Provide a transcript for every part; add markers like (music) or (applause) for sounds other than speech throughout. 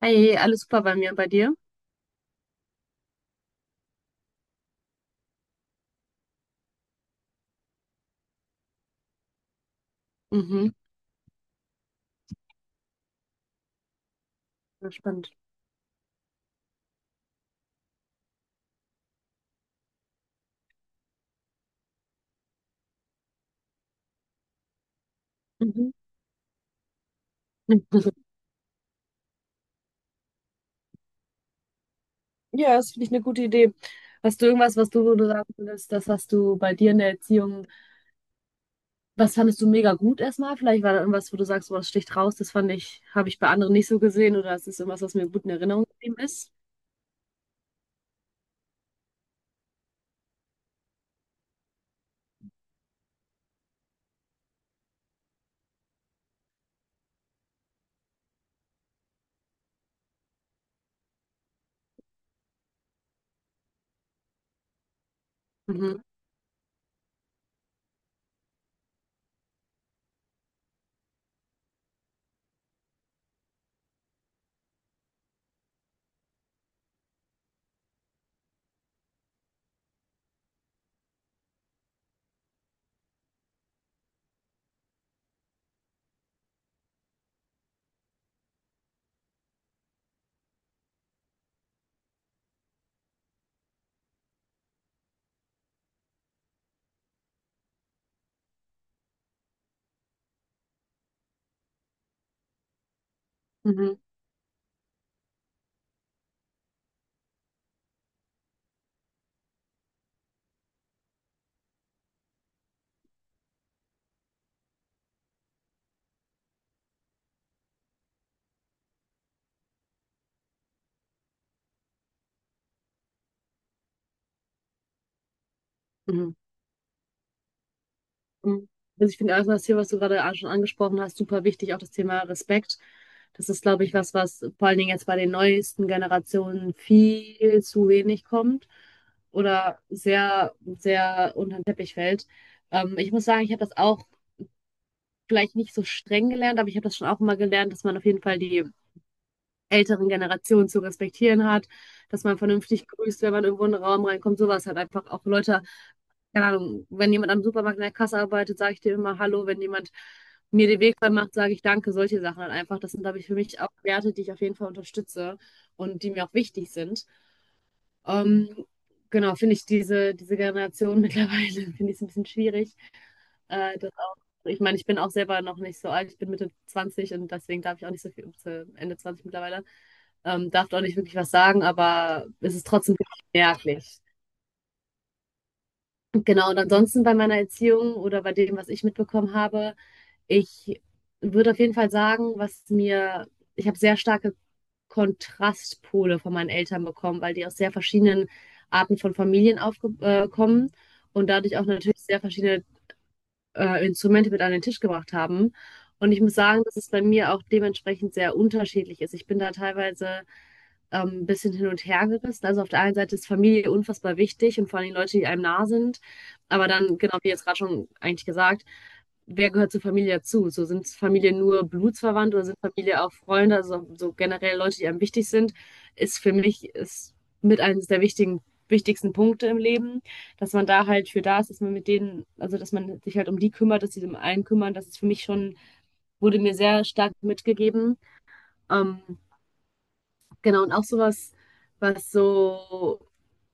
Hey, alles super bei mir, bei dir? Mhm. Ja, spannend. Mhm. (laughs) Ja, das finde ich eine gute Idee. Hast du irgendwas, wo du sagen würdest, das hast du bei dir in der Erziehung, was fandest du mega gut erstmal? Vielleicht war da irgendwas, wo du sagst, boah, das sticht raus, habe ich bei anderen nicht so gesehen oder es ist irgendwas, was mir gut in Erinnerung geblieben ist? Mhm. Mhm. Mhm. Mhm. Also ich finde erstmal das hier, was du gerade schon angesprochen hast, super wichtig, auch das Thema Respekt. Das ist, glaube ich, was vor allen Dingen jetzt bei den neuesten Generationen viel zu wenig kommt oder sehr, sehr unter den Teppich fällt. Ich muss sagen, ich habe das auch vielleicht nicht so streng gelernt, aber ich habe das schon auch immer gelernt, dass man auf jeden Fall die älteren Generationen zu respektieren hat, dass man vernünftig grüßt, wenn man irgendwo in den Raum reinkommt, sowas halt einfach auch Leute, keine Ahnung, wenn jemand am Supermarkt in der Kasse arbeitet, sage ich dir immer Hallo. Wenn jemand mir den Weg frei macht, sage ich Danke. Solche Sachen halt einfach. Das sind, glaube ich, für mich auch Werte, die ich auf jeden Fall unterstütze und die mir auch wichtig sind. Ähm, genau, finde ich diese Generation (laughs) mittlerweile, finde ich es ein bisschen schwierig. Das auch, ich meine, ich bin auch selber noch nicht so alt. Ich bin Mitte 20 und deswegen darf ich auch nicht so viel, zu Ende 20 mittlerweile, darf auch nicht wirklich was sagen, aber es ist trotzdem merklich. Genau, und ansonsten bei meiner Erziehung oder bei dem, was ich mitbekommen habe, ich würde auf jeden Fall sagen, ich habe sehr starke Kontrastpole von meinen Eltern bekommen, weil die aus sehr verschiedenen Arten von Familien aufkommen kommen und dadurch auch natürlich sehr verschiedene Instrumente mit an den Tisch gebracht haben. Und ich muss sagen, dass es bei mir auch dementsprechend sehr unterschiedlich ist. Ich bin da teilweise bisschen hin und her gerissen. Also auf der einen Seite ist Familie unfassbar wichtig und vor allem Leute, die einem nah sind. Aber dann, genau wie jetzt gerade schon eigentlich gesagt, wer gehört zur Familie dazu? So sind Familie nur Blutsverwandt oder sind Familie auch Freunde, also so generell Leute, die einem wichtig sind, ist für mich ist mit eines der wichtigen wichtigsten Punkte im Leben, dass man da halt für da ist, dass man mit denen, also dass man sich halt um die kümmert, dass sie um einen kümmern, das ist für mich schon, wurde mir sehr stark mitgegeben. Ähm, Genau, und auch sowas, was so,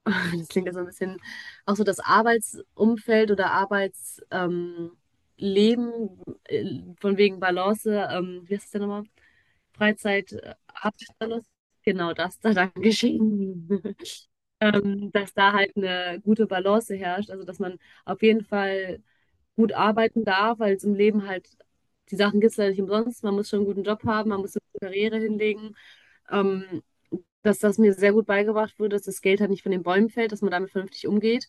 (laughs) das klingt ja so ein bisschen, auch so das Arbeitsumfeld oder Arbeitsleben, Leben, von wegen Balance, wie heißt das denn nochmal? Freizeit, Arbeitsbalance, genau das da dann geschehen. (laughs) Dass da halt eine gute Balance herrscht, also dass man auf jeden Fall gut arbeiten darf, weil es im Leben halt, die Sachen gibt es leider nicht umsonst, man muss schon einen guten Job haben, man muss eine gute Karriere hinlegen. Ähm, Dass das mir sehr gut beigebracht wurde, dass das Geld halt nicht von den Bäumen fällt, dass man damit vernünftig umgeht.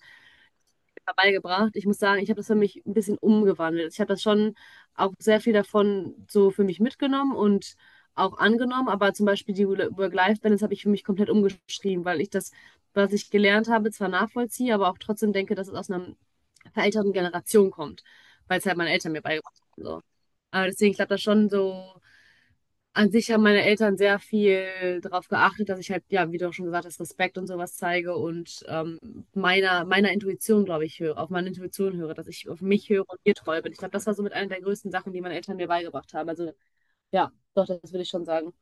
Beigebracht. Ich muss sagen, ich habe das für mich ein bisschen umgewandelt. Ich habe das schon auch sehr viel davon so für mich mitgenommen und auch angenommen, aber zum Beispiel die Work-Life-Balance habe ich für mich komplett umgeschrieben, weil ich das, was ich gelernt habe, zwar nachvollziehe, aber auch trotzdem denke, dass es aus einer verälterten Generation kommt, weil es halt meine Eltern mir beigebracht haben. So. Aber deswegen, ich glaube, das schon so an sich haben meine Eltern sehr viel darauf geachtet, dass ich halt, ja, wie du auch schon gesagt hast, Respekt und sowas zeige und meiner Intuition, glaube ich, höre, auf meine Intuition höre, dass ich auf mich höre und ihr treu bin. Ich glaube, das war so mit einer der größten Sachen, die meine Eltern mir beigebracht haben. Also ja, doch, das würde ich schon sagen.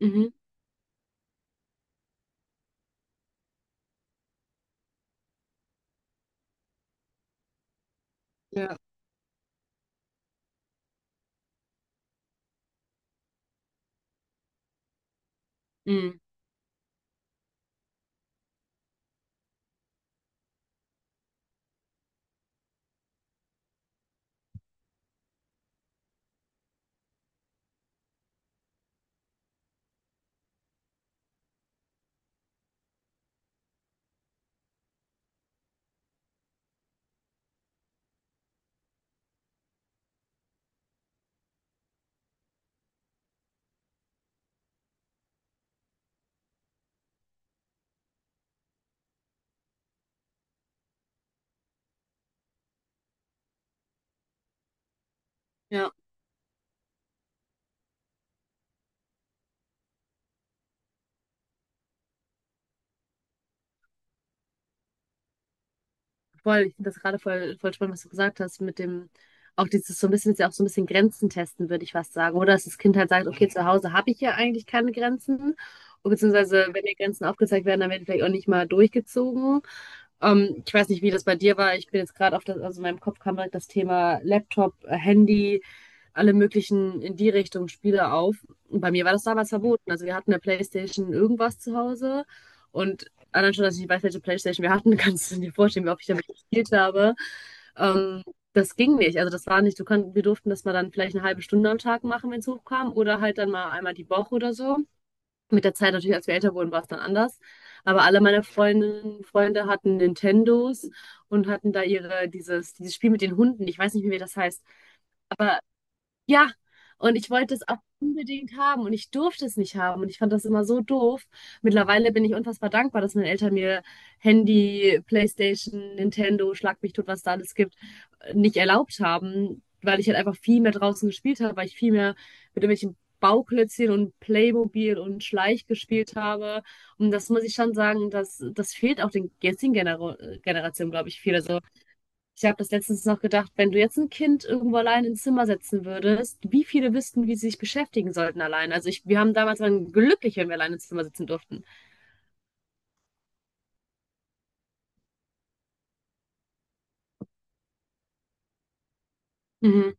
Mhm. Ja. Mhm. Ja. Voll, ich finde das gerade voll, voll spannend, was du gesagt hast, mit dem, auch dieses so ein bisschen, ist ja auch so ein bisschen Grenzen testen, würde ich fast sagen. Oder dass das Kind halt sagt, okay, zu Hause habe ich ja eigentlich keine Grenzen. Und beziehungsweise, wenn mir Grenzen aufgezeigt werden, dann werden die vielleicht auch nicht mal durchgezogen. Ich weiß nicht, wie das bei dir war. Ich bin jetzt gerade auf das, also in meinem Kopf kam direkt das Thema Laptop, Handy, alle möglichen in die Richtung Spiele auf. Und bei mir war das damals verboten. Also wir hatten eine Playstation irgendwas zu Hause, und allein schon, dass ich nicht weiß, welche Playstation wir hatten, (laughs) kannst du dir vorstellen, wie oft ich damit gespielt habe. Ähm, Das ging nicht. Also das war nicht, du kannst. Wir durften das mal dann vielleicht eine halbe Stunde am Tag machen, wenn es hochkam, oder halt dann mal einmal die Woche oder so. Mit der Zeit natürlich, als wir älter wurden, war es dann anders. Aber alle meine Freundinnen, Freunde hatten Nintendos und hatten da ihre, dieses Spiel mit den Hunden. Ich weiß nicht, wie das heißt. Ja, und ich wollte es auch unbedingt haben und ich durfte es nicht haben und ich fand das immer so doof. Mittlerweile bin ich unfassbar dankbar, dass meine Eltern mir Handy, PlayStation, Nintendo, schlag mich tot, was da alles gibt, nicht erlaubt haben, weil ich halt einfach viel mehr draußen gespielt habe, weil ich viel mehr mit irgendwelchen Bauklötzchen und Playmobil und Schleich gespielt habe. Und das muss ich schon sagen, dass das fehlt auch den jetzigen Generationen, glaube ich, viel. Also ich habe das letztens noch gedacht, wenn du jetzt ein Kind irgendwo allein ins Zimmer setzen würdest, wie viele wüssten, wie sie sich beschäftigen sollten allein? Also ich, wir haben damals waren glücklich, wenn wir allein ins Zimmer sitzen durften. Mhm.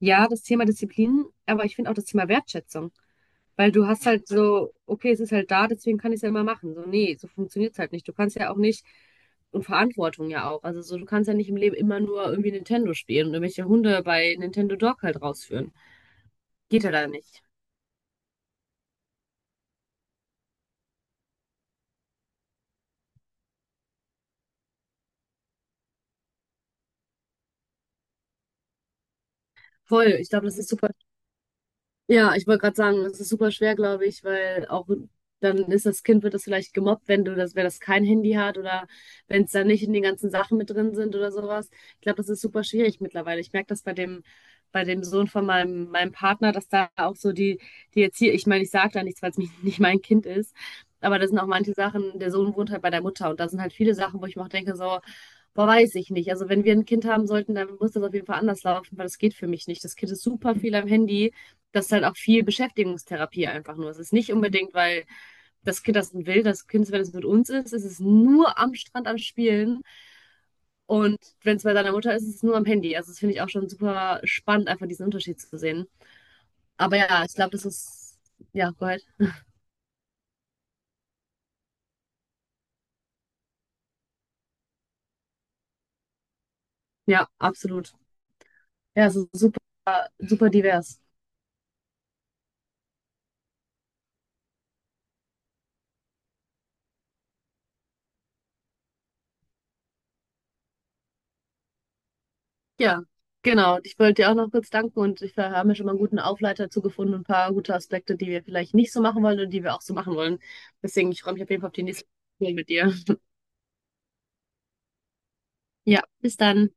Ja, das Thema Disziplin, aber ich finde auch das Thema Wertschätzung. Weil du hast halt so, okay, es ist halt da, deswegen kann ich es ja immer machen. So, nee, so funktioniert es halt nicht. Du kannst ja auch nicht, und Verantwortung ja auch. Also so, du kannst ja nicht im Leben immer nur irgendwie Nintendo spielen und irgendwelche Hunde bei Nintendo Dog halt rausführen. Geht ja da nicht. Voll, ich glaube, das ist super. Ja, ich wollte gerade sagen, das ist super schwer, glaube ich, weil auch dann ist das Kind, wird das vielleicht gemobbt, wenn du das, wenn das kein Handy hat oder wenn es da nicht in den ganzen Sachen mit drin sind oder sowas. Ich glaube, das ist super schwierig mittlerweile. Ich merke das bei dem, Sohn von meinem Partner, dass da auch so die Erziehung, ich meine, ich sage da nichts, weil es nicht mein Kind ist, aber das sind auch manche Sachen, der Sohn wohnt halt bei der Mutter und da sind halt viele Sachen, wo ich mir auch denke, so, boah, weiß ich nicht. Also wenn wir ein Kind haben sollten, dann muss das auf jeden Fall anders laufen, weil das geht für mich nicht. Das Kind ist super viel am Handy, das ist halt auch viel Beschäftigungstherapie einfach nur. Es ist nicht unbedingt, weil das Kind das will, das Kind, wenn es mit uns ist, ist es nur am Strand am Spielen. Und wenn es bei seiner Mutter ist, ist es nur am Handy. Also das finde ich auch schon super spannend, einfach diesen Unterschied zu sehen. Aber ja, ich glaube, das ist, ja, gut. Ja, absolut. Ja, es ist super, super divers. Ja, genau. Ich wollte dir auch noch kurz danken und ich wir haben mir schon mal einen guten Aufleiter dazu gefunden, und ein paar gute Aspekte, die wir vielleicht nicht so machen wollen und die wir auch so machen wollen. Deswegen, ich freue mich auf jeden Fall auf die nächste Folge mit dir. Ja, bis dann.